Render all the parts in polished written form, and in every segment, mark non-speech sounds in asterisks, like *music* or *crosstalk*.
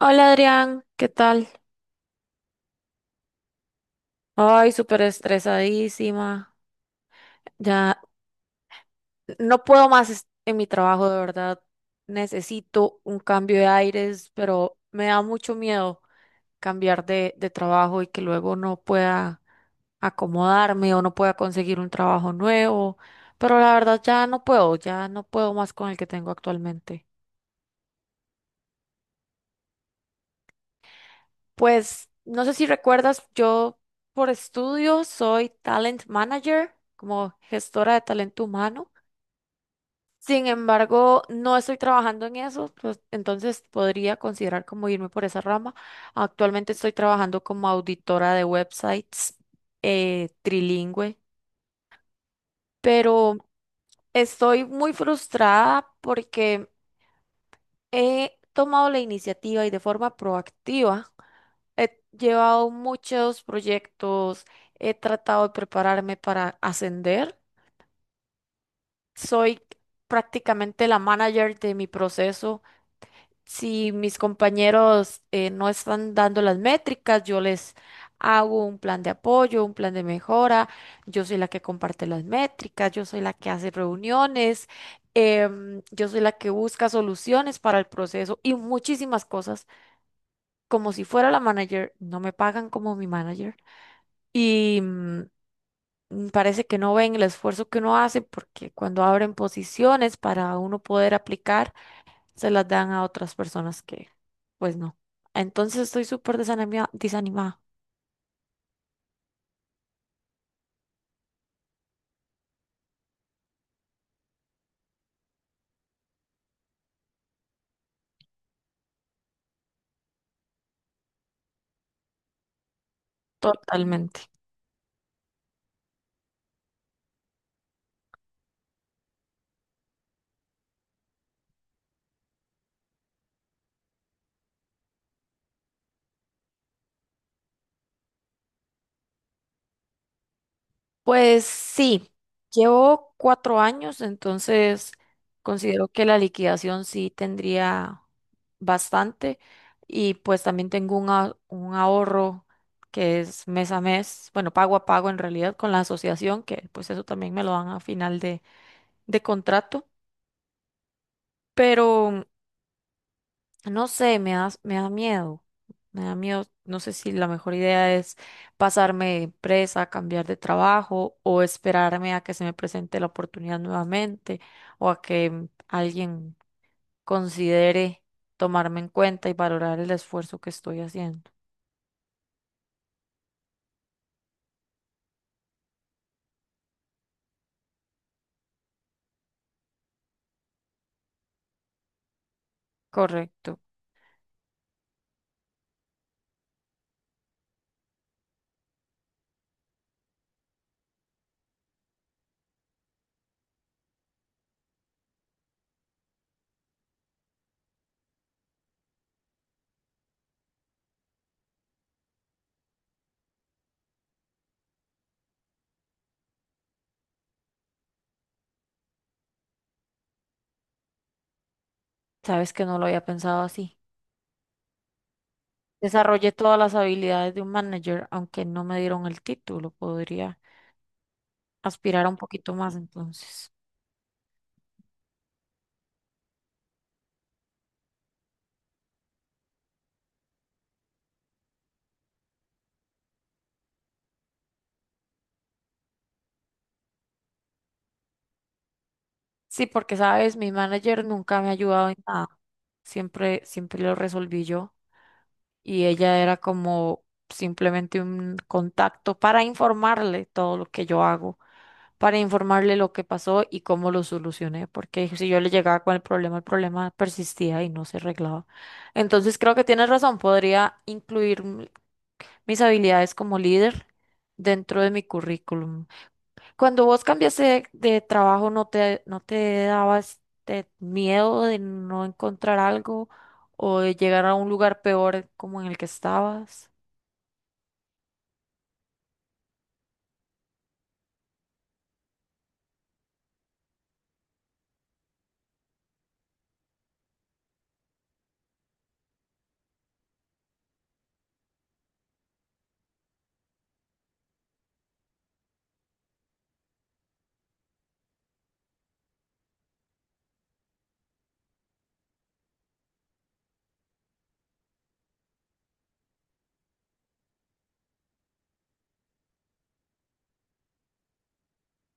Hola Adrián, ¿qué tal? Ay, súper estresadísima. Ya no puedo más en mi trabajo, de verdad. Necesito un cambio de aires, pero me da mucho miedo cambiar de trabajo y que luego no pueda acomodarme o no pueda conseguir un trabajo nuevo. Pero la verdad ya no puedo más con el que tengo actualmente. Pues no sé si recuerdas, yo por estudio soy talent manager, como gestora de talento humano. Sin embargo, no estoy trabajando en eso, pues, entonces podría considerar como irme por esa rama. Actualmente estoy trabajando como auditora de websites trilingüe, pero estoy muy frustrada porque he tomado la iniciativa y de forma proactiva he llevado muchos proyectos, he tratado de prepararme para ascender. Soy prácticamente la manager de mi proceso. Si mis compañeros no están dando las métricas, yo les hago un plan de apoyo, un plan de mejora. Yo soy la que comparte las métricas, yo soy la que hace reuniones, yo soy la que busca soluciones para el proceso y muchísimas cosas. Como si fuera la manager, no me pagan como mi manager y parece que no ven el esfuerzo que uno hace porque cuando abren posiciones para uno poder aplicar, se las dan a otras personas que, pues no. Entonces estoy súper desanimada, totalmente. Pues sí, llevo 4 años, entonces considero que la liquidación sí tendría bastante y pues también tengo un ahorro que es mes a mes, bueno, pago a pago en realidad con la asociación, que pues eso también me lo dan a final de contrato, pero no sé, me da miedo. Me da miedo. No sé si la mejor idea es pasarme de empresa, cambiar de trabajo o esperarme a que se me presente la oportunidad nuevamente o a que alguien considere tomarme en cuenta y valorar el esfuerzo que estoy haciendo. Correcto. Sabes que no lo había pensado así. Desarrollé todas las habilidades de un manager, aunque no me dieron el título. Podría aspirar a un poquito más entonces. Sí, porque sabes, mi manager nunca me ha ayudado en nada. Siempre, siempre lo resolví yo. Y ella era como simplemente un contacto para informarle todo lo que yo hago, para informarle lo que pasó y cómo lo solucioné. Porque si yo le llegaba con el problema persistía y no se arreglaba. Entonces creo que tienes razón, podría incluir mis habilidades como líder dentro de mi currículum. Cuando vos cambiaste de trabajo, ¿no te daba este miedo de no encontrar algo o de llegar a un lugar peor como en el que estabas?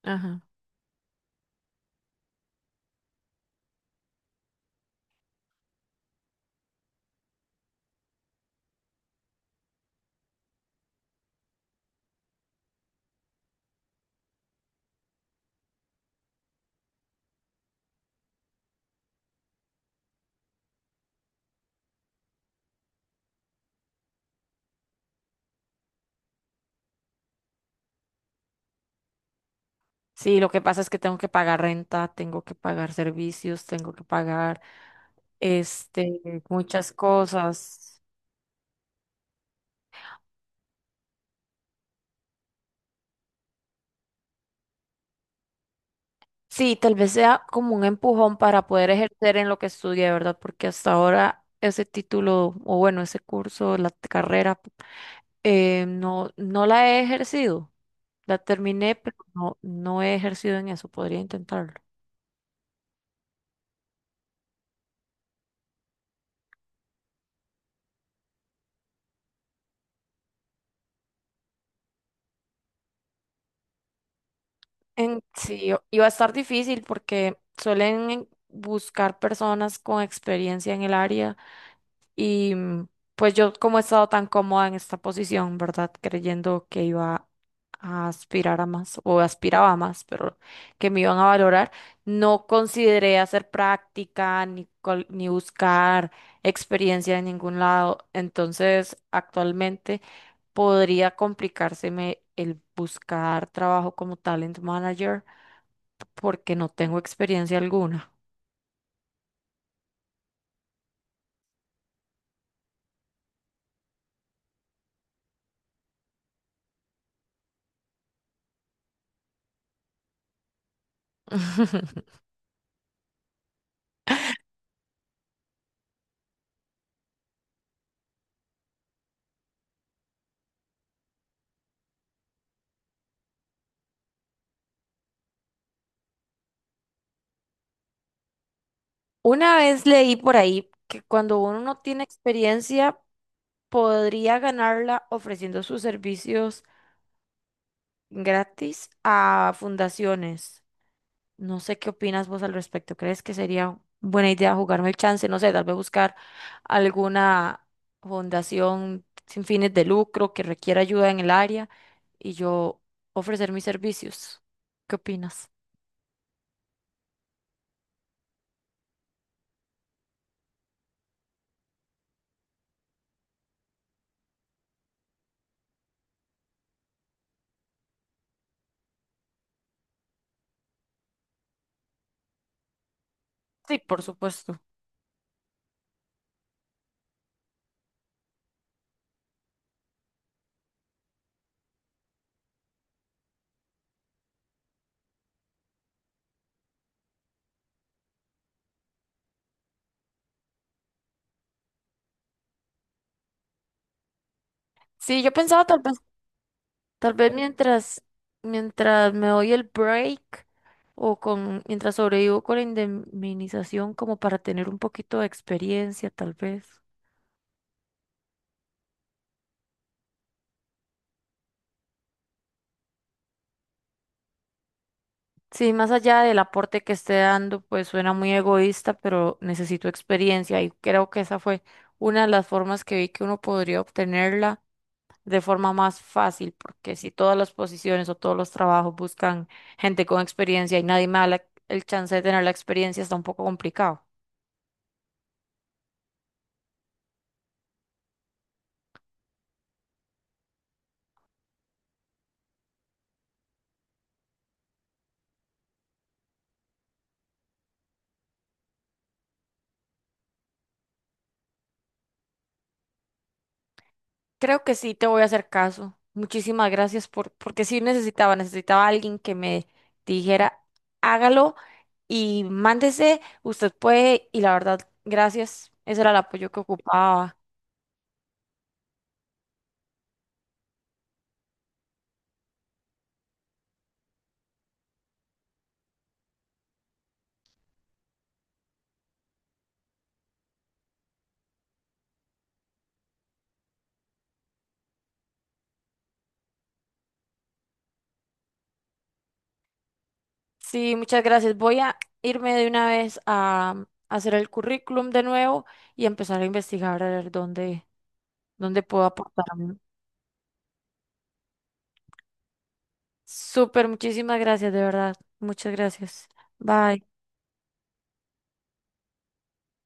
Ajá. Sí, lo que pasa es que tengo que pagar renta, tengo que pagar servicios, tengo que pagar este, muchas cosas. Sí, tal vez sea como un empujón para poder ejercer en lo que estudié, ¿verdad? Porque hasta ahora ese título, o bueno, ese curso, la carrera no, no la he ejercido. La terminé, pero no, no he ejercido en eso. Podría intentarlo. Y a estar difícil porque suelen buscar personas con experiencia en el área. Y pues yo como he estado tan cómoda en esta posición, ¿verdad? Creyendo que iba a aspirar a más o aspiraba a más, pero que me iban a valorar, no consideré hacer práctica ni, ni buscar experiencia en ningún lado. Entonces, actualmente podría complicárseme el buscar trabajo como talent manager porque no tengo experiencia alguna. *laughs* Una vez leí por ahí que cuando uno no tiene experiencia, podría ganarla ofreciendo sus servicios gratis a fundaciones. No sé qué opinas vos al respecto. ¿Crees que sería buena idea jugarme el chance? No sé, tal vez buscar alguna fundación sin fines de lucro que requiera ayuda en el área y yo ofrecer mis servicios. ¿Qué opinas? Sí, por supuesto. Sí, yo pensaba tal vez tal vez mientras, mientras me doy el break o con, mientras sobrevivo con la indemnización como para tener un poquito de experiencia, tal vez. Sí, más allá del aporte que esté dando, pues suena muy egoísta, pero necesito experiencia y creo que esa fue una de las formas que vi que uno podría obtenerla de forma más fácil, porque si todas las posiciones o todos los trabajos buscan gente con experiencia y nadie me da el chance de tener la experiencia, está un poco complicado. Creo que sí, te voy a hacer caso. Muchísimas gracias por, porque sí necesitaba a alguien que me dijera, hágalo y mándese, usted puede, y la verdad, gracias, ese era el apoyo que ocupaba. Sí, muchas gracias. Voy a irme de una vez a hacer el currículum de nuevo y empezar a investigar a ver dónde puedo aportar. Súper, muchísimas gracias, de verdad. Muchas gracias. Bye.